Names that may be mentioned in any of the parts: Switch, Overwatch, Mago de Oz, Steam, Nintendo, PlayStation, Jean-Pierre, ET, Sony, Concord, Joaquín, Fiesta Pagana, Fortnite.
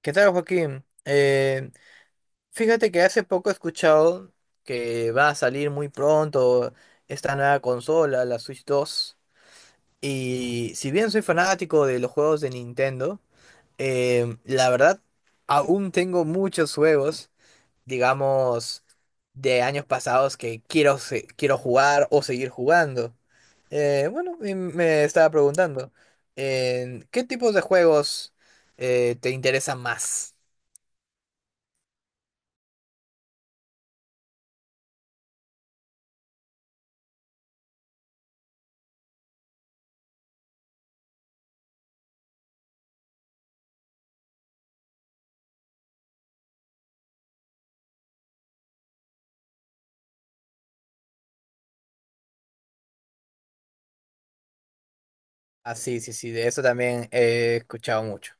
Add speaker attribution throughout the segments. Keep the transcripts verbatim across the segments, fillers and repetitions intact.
Speaker 1: ¿Qué tal, Joaquín? Eh, fíjate que hace poco he escuchado que va a salir muy pronto esta nueva consola, la Switch dos. Y si bien soy fanático de los juegos de Nintendo, eh, la verdad aún tengo muchos juegos, digamos, de años pasados que quiero, se- quiero jugar o seguir jugando. Eh, bueno, y me estaba preguntando, eh, ¿qué tipos de juegos eh, te interesan más? Ah, sí, sí, sí, de eso también he escuchado mucho.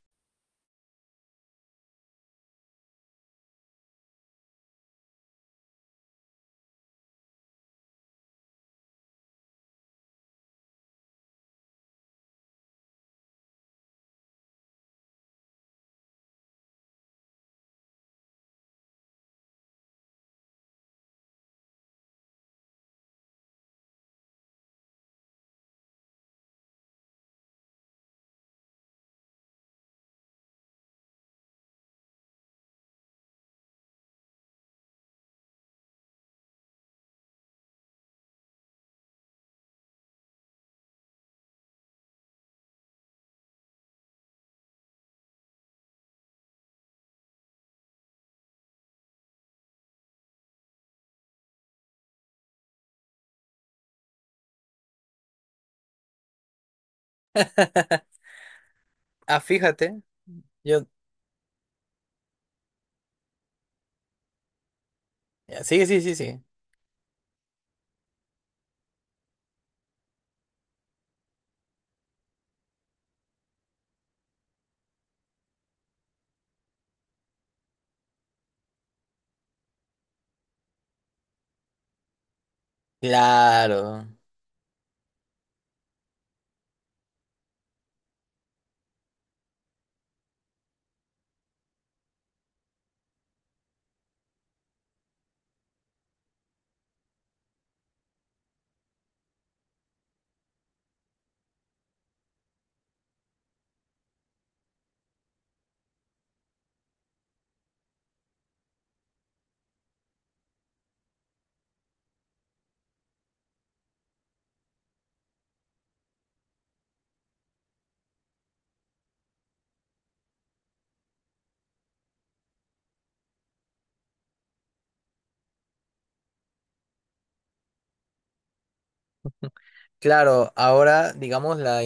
Speaker 1: Ah, fíjate, yo... Sí, sí, sí, sí. Claro, claro. Ahora, digamos, la,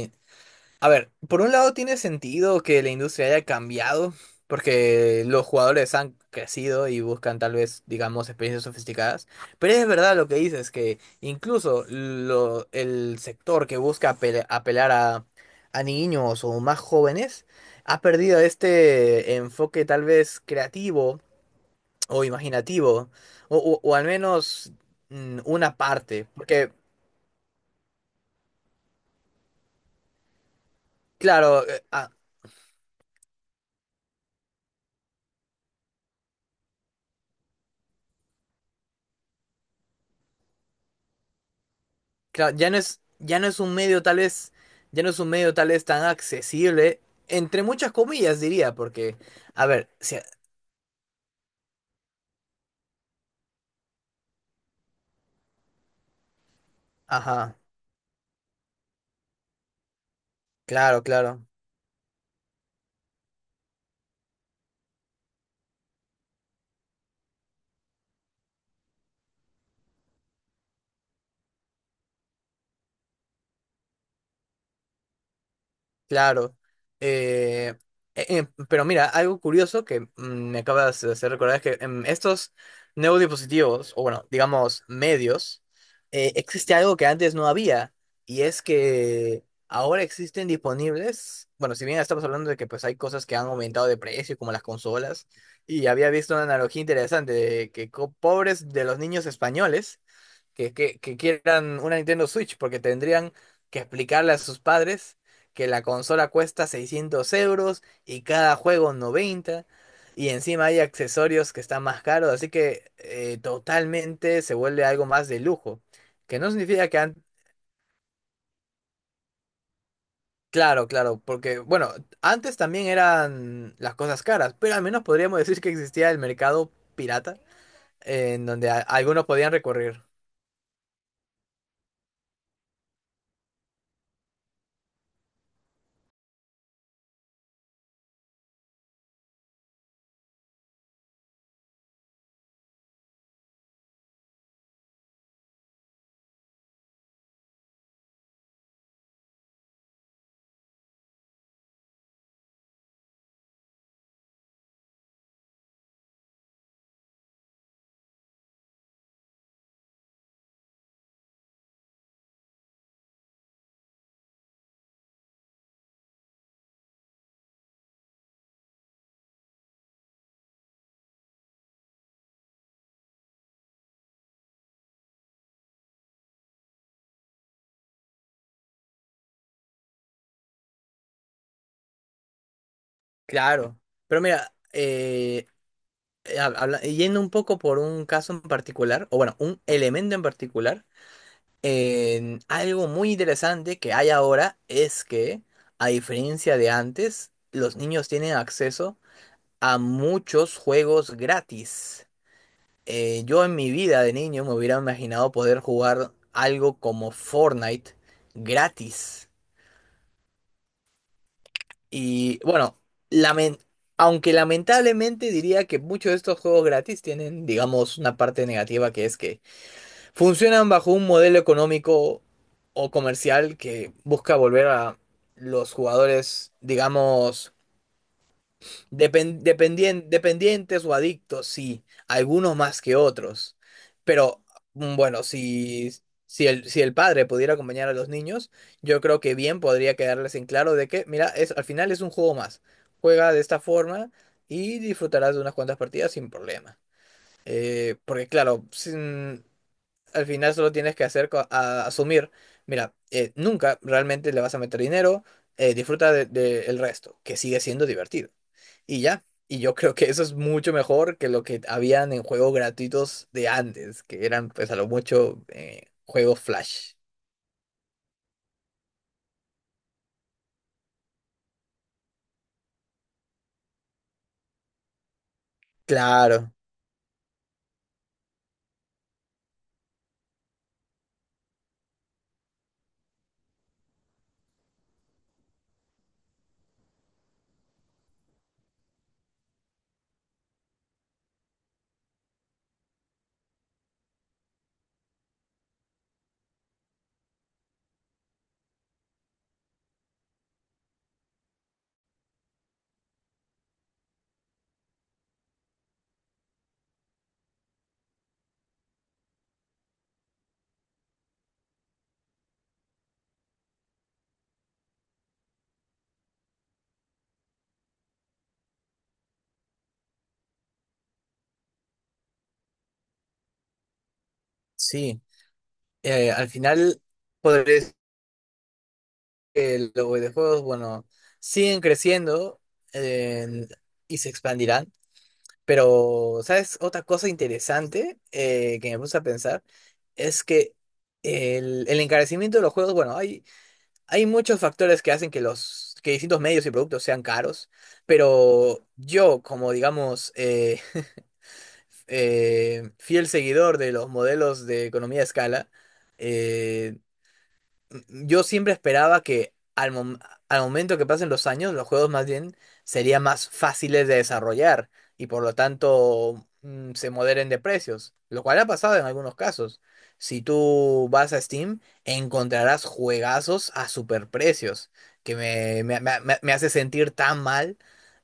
Speaker 1: a ver, por un lado tiene sentido que la industria haya cambiado, porque los jugadores han crecido y buscan tal vez, digamos, experiencias sofisticadas, pero es verdad lo que dices, que incluso lo- el sector que busca apel- apelar a, a niños o más jóvenes ha perdido este enfoque tal vez creativo o imaginativo, o, o- o al menos mm, una parte, porque claro. Claro, ya no es, ya no es un medio tal vez, ya no es un medio tal vez tan accesible, entre muchas comillas diría, porque, a ver, si- ajá, claro, claro. Claro. Eh, eh, eh, pero mira, algo curioso que mm, me acabas de hacer recordar es que en estos nuevos dispositivos, o bueno, digamos medios, eh, existe algo que antes no había, y es que ahora existen disponibles, bueno, si bien estamos hablando de que pues hay cosas que han aumentado de precio, como las consolas, y había visto una analogía interesante de que co- pobres de los niños españoles que, que, que quieran una Nintendo Switch, porque tendrían que explicarle a sus padres que la consola cuesta seiscientos euros y cada juego noventa, y encima hay accesorios que están más caros, así que eh, totalmente se vuelve algo más de lujo, que no significa que antes... Claro, claro, porque bueno, antes también eran las cosas caras, pero al menos podríamos decir que existía el mercado pirata, en donde a- algunos podían recurrir. Claro, pero mira, eh, eh, hab- habla- eh, yendo un poco por un caso en particular, o bueno, un elemento en particular, en algo muy interesante que hay ahora es que, a diferencia de antes, los niños tienen acceso a muchos juegos gratis. Eh, yo en mi vida de niño me hubiera imaginado poder jugar algo como Fortnite gratis. Y bueno, lamen- aunque lamentablemente diría que muchos de estos juegos gratis tienen, digamos, una parte negativa que es que funcionan bajo un modelo económico o comercial que busca volver a los jugadores, digamos, depen- dependien- dependientes o adictos, sí, algunos más que otros. Pero mm, bueno, si, si el, si el padre pudiera acompañar a los niños, yo creo que bien podría quedarles en claro de que, mira, es, al final es un juego más. Juega de esta forma y disfrutarás de unas cuantas partidas sin problema. Eh, porque claro, sin- al final solo tienes que hacer co- a- asumir, mira, eh, nunca realmente le vas a meter dinero, eh, disfruta de, de el resto, que sigue siendo divertido. Y ya, y yo creo que eso es mucho mejor que lo que habían en juegos gratuitos de antes, que eran pues a lo mucho eh, juegos Flash. Claro, sí. Eh, al final, podría decir que los videojuegos, bueno, siguen creciendo eh, y se expandirán. Pero, ¿sabes? Otra cosa interesante eh, que me puse a pensar es que el, el encarecimiento de los juegos, bueno, hay, hay muchos factores que hacen que los que distintos medios y productos sean caros, pero yo, como digamos, eh, eh, fiel seguidor de los modelos de economía a escala, eh, yo siempre esperaba que al, mom- al momento que pasen los años, los juegos más bien serían más fáciles de desarrollar y por lo tanto mm, se moderen de precios, lo cual ha pasado en algunos casos. Si tú vas a Steam, encontrarás juegazos a superprecios, que me, me, me- me- me hace sentir tan mal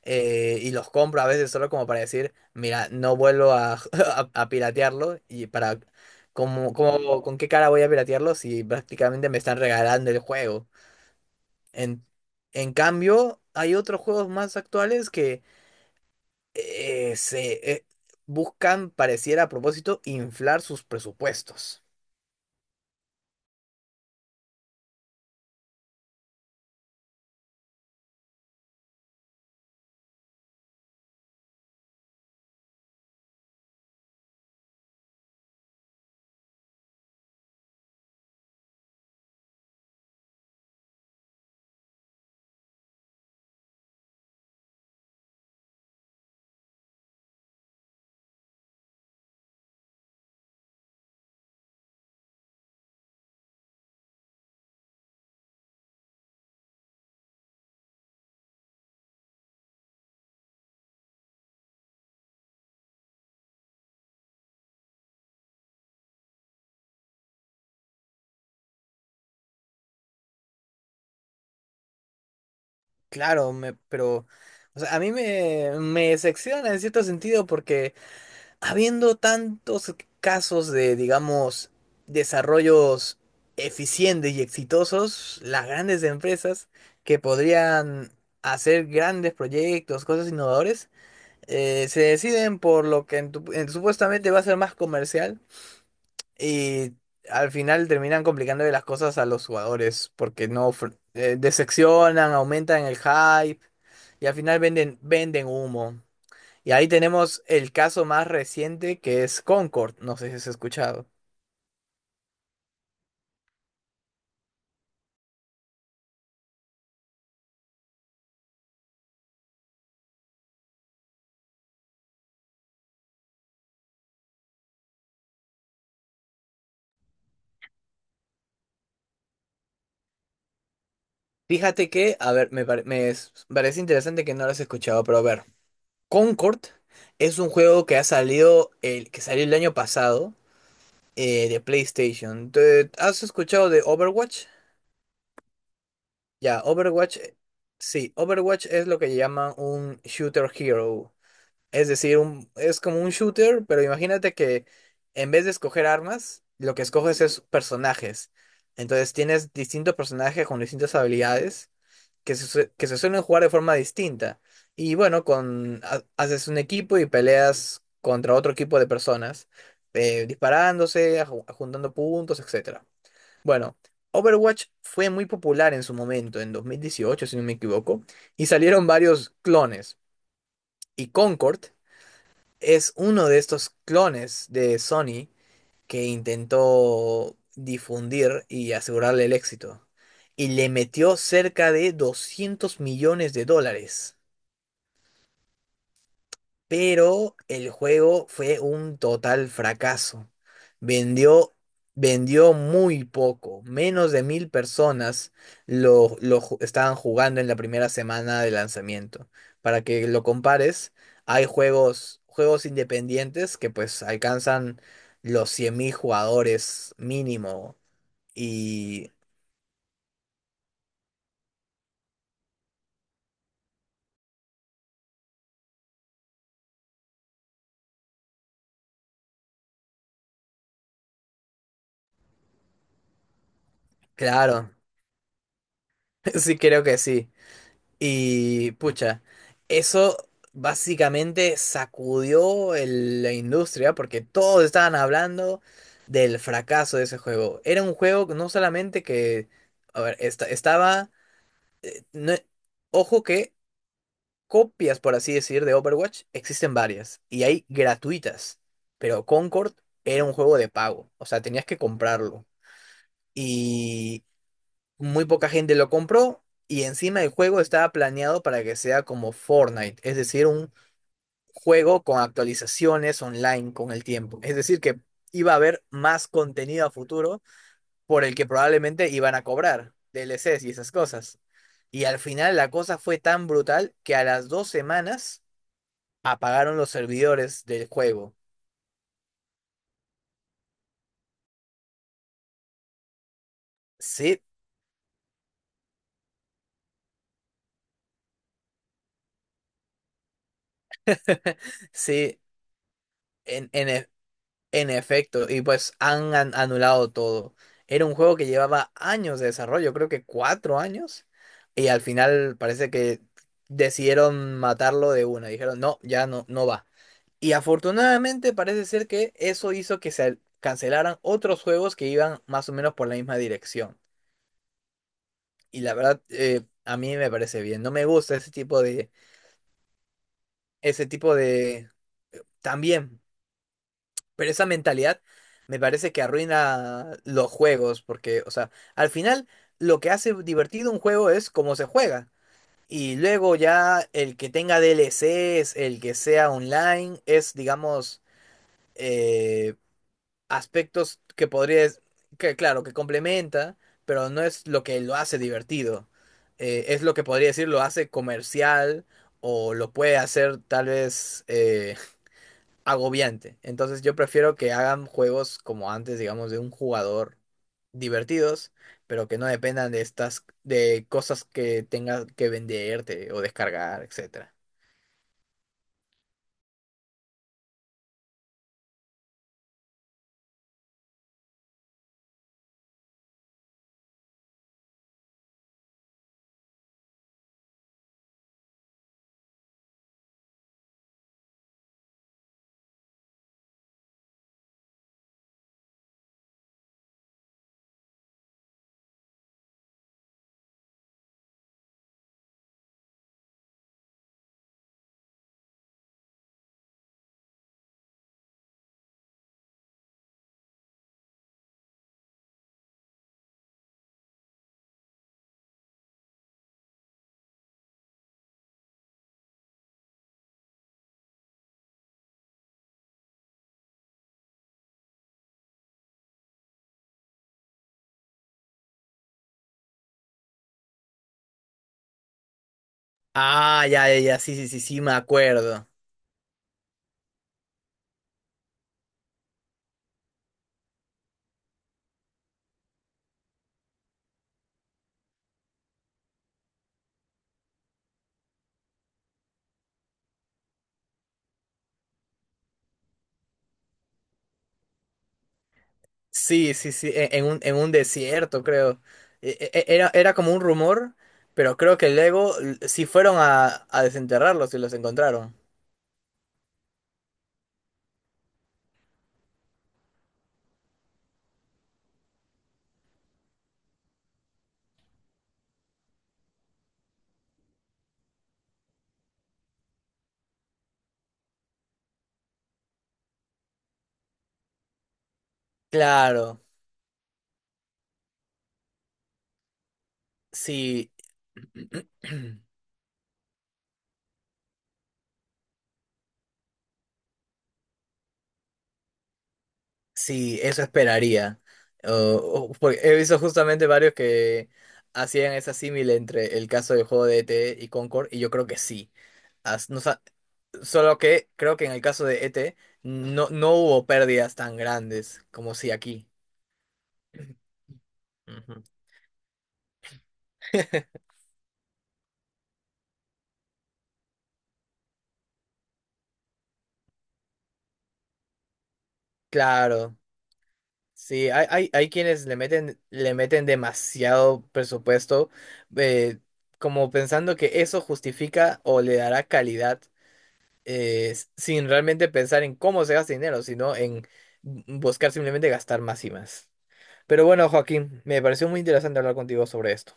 Speaker 1: eh, y los compro a veces solo como para decir, mira, no vuelvo a, a, a piratearlo. Y para ¿cómo, cómo- con qué cara voy a piratearlo si prácticamente me están regalando el juego? En, en cambio, hay otros juegos más actuales que eh, se eh, buscan, pareciera a propósito, inflar sus presupuestos. Claro, me, pero o sea, a mí me, me decepciona en cierto sentido porque habiendo tantos casos de, digamos, desarrollos eficientes y exitosos, las grandes empresas que podrían hacer grandes proyectos, cosas innovadoras, eh, se deciden por lo que en tu- en- supuestamente va a ser más comercial y al final terminan complicándole las cosas a los jugadores porque no ofre- eh, decepcionan, aumentan el hype y al final venden, venden humo. Y ahí tenemos el caso más reciente que es Concord. No sé si has escuchado. Fíjate que, a ver, me, pare- me es- parece interesante que no lo has escuchado, pero a ver, Concord es un juego que ha salido el, que salió el año pasado eh, de PlayStation. ¿Te- ¿Has escuchado de Overwatch? Ya, Overwatch, eh, sí, Overwatch es lo que llaman un shooter hero. Es decir, un, es como un shooter, pero imagínate que en vez de escoger armas, lo que escoges es personajes. Entonces tienes distintos personajes con distintas habilidades que se, sue- que se suelen jugar de forma distinta. Y bueno, con, ha- haces un equipo y peleas contra otro equipo de personas, eh, disparándose, aju- juntando puntos, etcétera. Bueno, Overwatch fue muy popular en su momento, en dos mil dieciocho si no me equivoco, y salieron varios clones. Y Concord es uno de estos clones de Sony que intentó difundir y asegurarle el éxito. Y le metió cerca de doscientos millones de dólares, pero el juego fue un total fracaso. Vendió, vendió muy poco, menos de mil personas lo, lo ju- estaban jugando en la primera semana de lanzamiento. Para que lo compares, hay juegos, juegos independientes que pues alcanzan los cien mil jugadores mínimo. Y claro, sí, creo que sí. Y pucha, eso básicamente sacudió el- la industria porque todos estaban hablando del fracaso de ese juego. Era un juego que no solamente que, a ver, esta- estaba, no- ojo que copias, por así decir, de Overwatch existen varias y hay gratuitas, pero Concord era un juego de pago, o sea, tenías que comprarlo. Muy poca gente lo compró y encima el juego estaba planeado para que sea como Fortnite, es decir, un juego con actualizaciones online con el tiempo. Es decir, que iba a haber más contenido a futuro por el que probablemente iban a cobrar D L Cs y esas cosas. Y al final la cosa fue tan brutal que a las dos semanas apagaron los servidores del juego. Sí, sí, en, en, e, en efecto, y pues han an- anulado todo. Era un juego que llevaba años de desarrollo, creo que cuatro años, y al final parece que decidieron matarlo de una. Dijeron, no, ya no, no va. Y afortunadamente parece ser que eso hizo que se cancelaran otros juegos que iban más o menos por la misma dirección. Y la verdad, eh, a mí me parece bien. No me gusta ese tipo de, ese tipo de, también. Pero esa mentalidad me parece que arruina los juegos, porque, o sea, al final lo que hace divertido un juego es cómo se juega. Y luego ya el que tenga D L Cs, el que sea online, es, digamos, eh, aspectos que podrías, que claro, que complementa, pero no es lo que lo hace divertido. Eh, es lo que podría decir lo hace comercial o lo puede hacer tal vez... eh, agobiante. Entonces yo prefiero que hagan juegos como antes, digamos, de un jugador divertidos, pero que no dependan de estas, de cosas que tengas que venderte o descargar, etcétera. Ah, ya, ya, ya, sí, sí, sí, sí, me acuerdo. Sí, sí, sí, e- en un, en un desierto, creo. E- e- e, Era, era como un rumor, pero creo que luego l- sí fueron a, a desenterrarlos y los encontraron. Claro, sí. Sí, eso esperaría. O- o- porque he visto justamente varios que hacían esa símil entre el caso del juego de E T y Concord, y yo creo que sí. As- no sa- solo que creo que en el caso de E T no, no hubo pérdidas tan grandes como si aquí. Ujú. Claro, sí, hay, hay, hay quienes le meten, le meten demasiado presupuesto, eh, como pensando que eso justifica o le dará calidad eh, s- sin realmente pensar en cómo se gasta dinero, sino en buscar simplemente gastar más y más. Pero bueno, Joaquín, me pareció muy interesante hablar contigo sobre esto.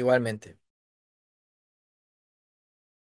Speaker 1: Igualmente.